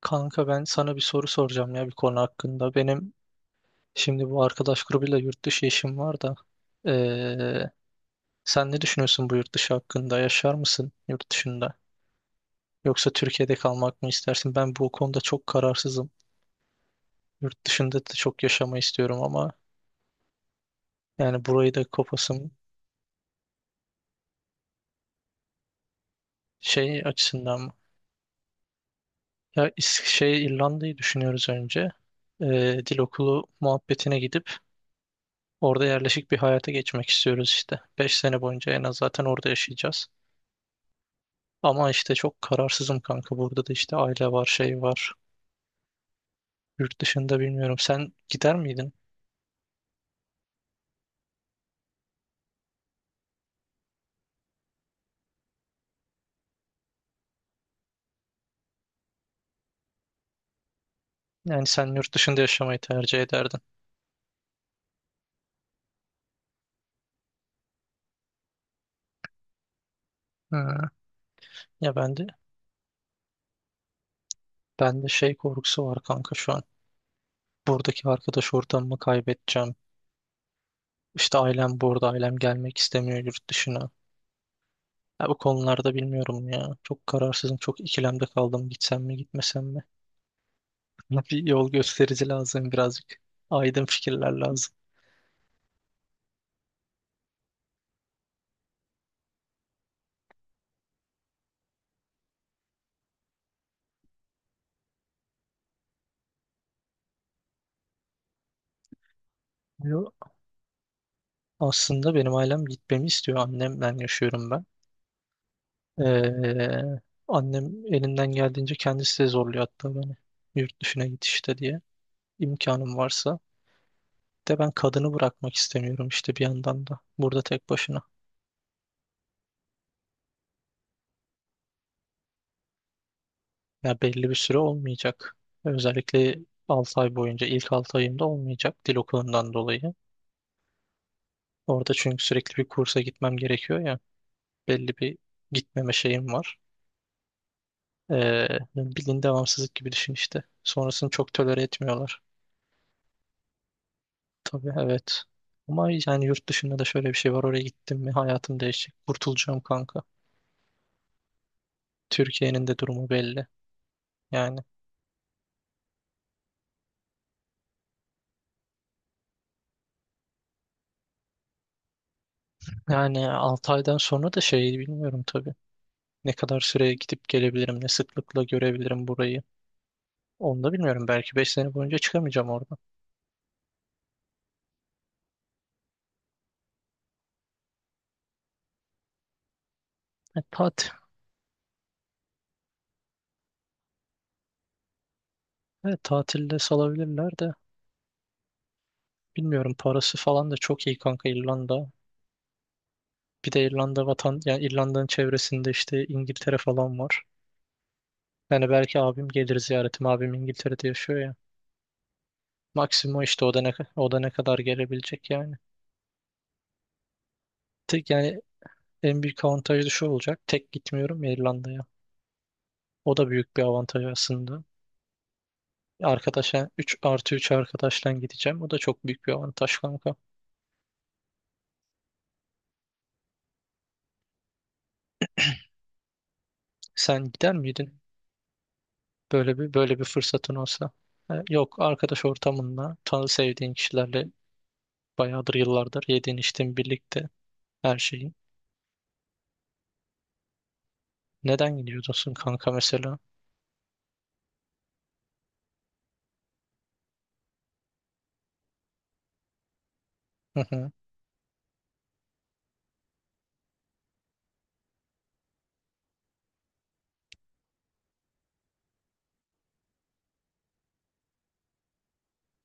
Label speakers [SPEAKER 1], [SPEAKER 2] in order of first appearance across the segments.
[SPEAKER 1] Kanka ben sana bir soru soracağım ya bir konu hakkında. Benim şimdi bu arkadaş grubuyla yurt dışı işim var da. Ee, sen ne düşünüyorsun bu yurt dışı hakkında? Yaşar mısın yurt dışında? Yoksa Türkiye'de kalmak mı istersin? Ben bu konuda çok kararsızım. Yurt dışında da çok yaşamayı istiyorum ama yani burayı da kopasım şey açısından mı? Ya İrlanda'yı düşünüyoruz önce. Dil okulu muhabbetine gidip orada yerleşik bir hayata geçmek istiyoruz işte. Beş sene boyunca en az zaten orada yaşayacağız. Ama işte çok kararsızım kanka. Burada da işte aile var, şey var. Yurt dışında bilmiyorum. Sen gider miydin? Yani sen yurt dışında yaşamayı tercih ederdin. Ha. Ya ben de şey korkusu var kanka şu an. Buradaki arkadaş ortamımı kaybedeceğim. İşte ailem burada, ailem gelmek istemiyor yurt dışına. Ya bu konularda bilmiyorum ya. Çok kararsızım, çok ikilemde kaldım. Gitsem mi, gitmesem mi? Bana bir yol gösterici lazım birazcık. Aydın fikirler lazım. Yo, aslında benim ailem gitmemi istiyor. Annemle yaşıyorum ben. Ee, Annem elinden geldiğince kendisi de zorluyor hatta beni. Yurt dışına git işte diye. İmkanım varsa. De ben kadını bırakmak istemiyorum işte bir yandan da. Burada tek başına. Ya belli bir süre olmayacak. Özellikle 6 ay boyunca ilk 6 ayımda olmayacak dil okulundan dolayı. Orada çünkü sürekli bir kursa gitmem gerekiyor ya. Belli bir gitmeme şeyim var. Ee, Bildiğin devamsızlık gibi düşün işte. Sonrasını çok tolere etmiyorlar. Tabii evet. Ama yani yurt dışında da şöyle bir şey var. Oraya gittim mi hayatım değişecek. Kurtulacağım kanka. Türkiye'nin de durumu belli. Yani yani 6 aydan sonra da şeyi bilmiyorum tabii. Ne kadar süreye gidip gelebilirim, ne sıklıkla görebilirim burayı. Onu da bilmiyorum. Belki 5 sene boyunca çıkamayacağım oradan. E, tatil. Evet, tatilde salabilirler de bilmiyorum. Parası falan da çok iyi kanka İrlanda. Bir de İrlanda vatan yani İrlanda'nın çevresinde işte İngiltere falan var. Yani belki abim gelir ziyaretim. Abim İngiltere'de yaşıyor. Maksimum işte o da ne kadar gelebilecek yani. Tek yani en büyük avantajı da şu olacak. Tek gitmiyorum ya İrlanda'ya. O da büyük bir avantaj aslında. Arkadaşa 3 artı 3 arkadaşla gideceğim. O da çok büyük bir avantaj kanka. Sen gider miydin? Böyle bir fırsatın olsa. E, yok arkadaş ortamında tanı sevdiğin kişilerle bayağıdır yıllardır yediğin içtiğin birlikte her şeyi. Neden gidiyorsun kanka mesela? Hı hı.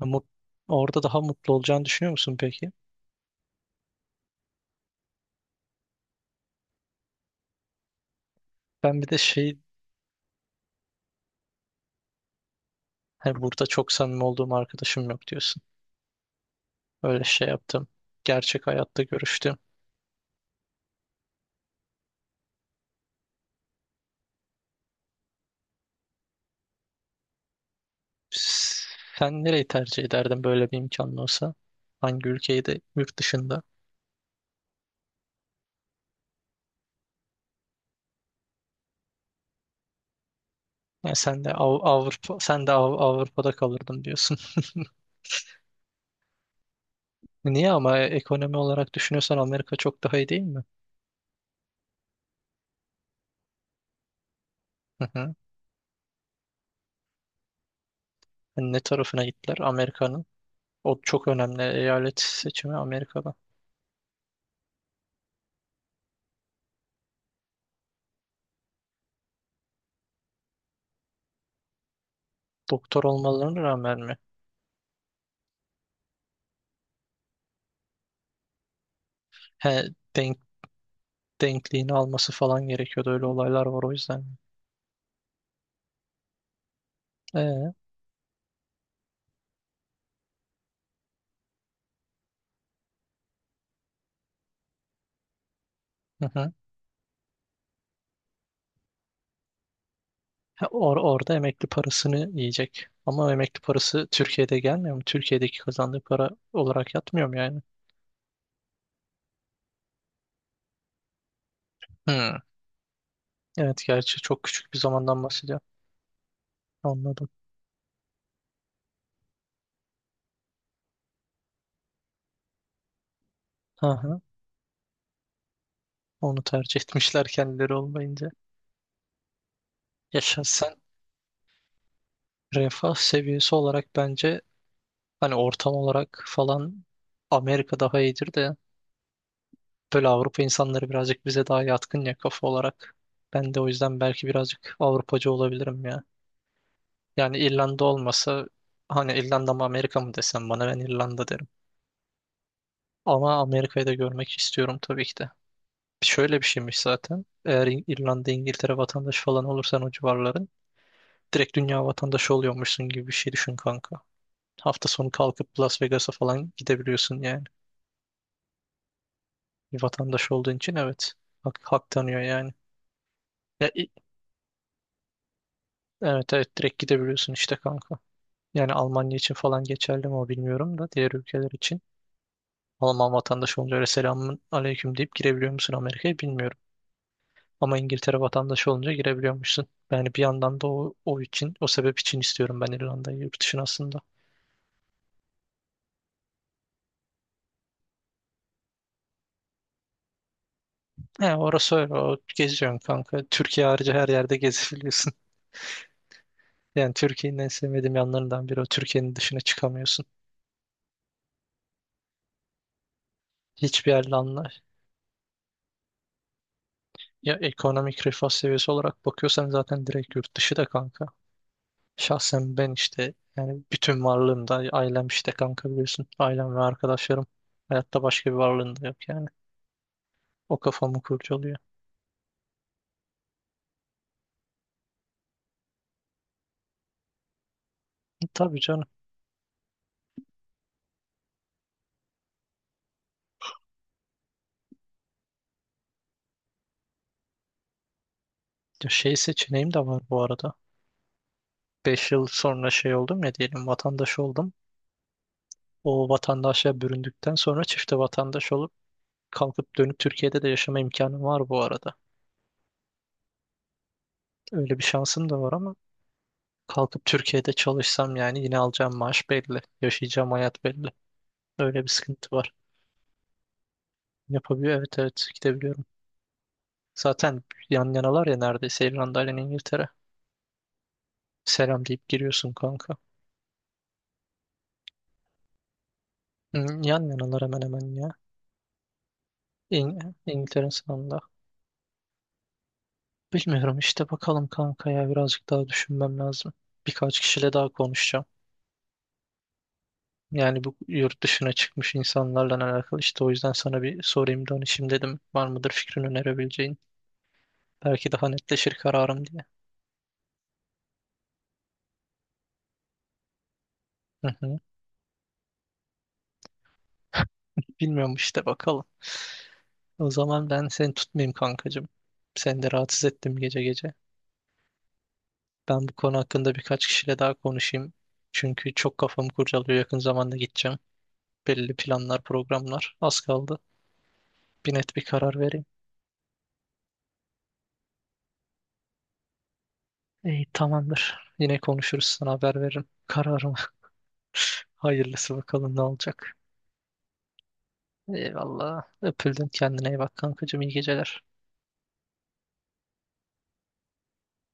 [SPEAKER 1] Mut- Orada daha mutlu olacağını düşünüyor musun peki? Ben bir de şey hani burada çok samimi olduğum arkadaşım yok diyorsun. Öyle şey yaptım. Gerçek hayatta görüştüm. Sen nereyi tercih ederdin böyle bir imkanın olsa? Hangi ülkeyi de yurt dışında? Yani Avrupa, Avrupa'da kalırdın diyorsun. Niye ama ekonomi olarak düşünüyorsan Amerika çok daha iyi değil mi? Hı hı. Hani ne tarafına gittiler Amerika'nın? O çok önemli eyalet seçimi Amerika'da. Doktor olmalarına rağmen mi? He, denk, denkliğini alması falan gerekiyordu. Öyle olaylar var o yüzden. Ee, hı hı. Ha, orada emekli parasını yiyecek. Ama emekli parası Türkiye'de gelmiyor mu? Türkiye'deki kazandığı para olarak yatmıyor mu yani? Hmm. Evet gerçi çok küçük bir zamandan bahsediyor. Anladım. Hı hı. Onu tercih etmişler kendileri olmayınca. Ya şahsen refah seviyesi olarak bence hani ortam olarak falan Amerika daha iyidir de böyle Avrupa insanları birazcık bize daha yatkın ya kafa olarak. Ben de o yüzden belki birazcık Avrupacı olabilirim ya. Yani İrlanda olmasa hani İrlanda mı Amerika mı desem bana ben İrlanda derim. Ama Amerika'yı da görmek istiyorum tabii ki de. Şöyle bir şeymiş zaten. Eğer İrlanda, İngiltere vatandaşı falan olursan o civarların direkt dünya vatandaşı oluyormuşsun gibi bir şey düşün kanka. Hafta sonu kalkıp Las Vegas'a falan gidebiliyorsun yani. Bir vatandaş olduğun için evet. Hak tanıyor yani. Ya, i- evet evet direkt gidebiliyorsun işte kanka. Yani Almanya için falan geçerli mi o bilmiyorum da diğer ülkeler için. Alman vatandaşı olunca öyle selamun aleyküm deyip girebiliyor musun Amerika'ya bilmiyorum. Ama İngiltere vatandaşı olunca girebiliyormuşsun. Yani bir yandan da o sebep için istiyorum ben İrlanda'yı yurt dışına aslında. He, orası öyle. O, geziyorsun kanka. Türkiye harici her yerde gezebiliyorsun. Yani Türkiye'nin en sevmediğim yanlarından biri o. Türkiye'nin dışına çıkamıyorsun. Hiçbir yerle anla. Ya ekonomik refah seviyesi olarak bakıyorsan zaten direkt yurt dışı da kanka. Şahsen ben işte yani bütün varlığımda ailem işte kanka biliyorsun. Ailem ve arkadaşlarım. Hayatta başka bir varlığım da yok yani. O kafamı kurcalıyor. E, tabii canım. Ya şey seçeneğim de var bu arada. 5 yıl sonra şey oldum ya diyelim vatandaş oldum. O vatandaşa büründükten sonra çifte vatandaş olup kalkıp dönüp Türkiye'de de yaşama imkanım var bu arada. Öyle bir şansım da var ama kalkıp Türkiye'de çalışsam yani yine alacağım maaş belli. Yaşayacağım hayat belli. Öyle bir sıkıntı var. Yapabiliyor evet evet gidebiliyorum. Zaten yan yanalar ya neredeyse İrlanda ile İngiltere. Selam deyip giriyorsun kanka. Hı, yan yanalar hemen hemen ya. İng İngiltere'nin sınavında. Bilmiyorum işte bakalım kanka ya birazcık daha düşünmem lazım. Birkaç kişiyle daha konuşacağım. Yani bu yurt dışına çıkmış insanlarla alakalı işte o yüzden sana bir sorayım danışayım dedim. Var mıdır fikrini önerebileceğin? Belki daha netleşir kararım diye. Hı hı. Bilmiyorum işte bakalım. O zaman ben seni tutmayayım kankacığım. Seni de rahatsız ettim gece gece. Ben bu konu hakkında birkaç kişiyle daha konuşayım. Çünkü çok kafamı kurcalıyor. Yakın zamanda gideceğim. Belli planlar, programlar. Az kaldı. Bir net bir karar vereyim. İyi, tamamdır. Yine konuşuruz. Sana haber veririm. Kararımı. Hayırlısı bakalım ne olacak. Eyvallah. Öpüldün. Kendine iyi bak kankacığım. İyi geceler.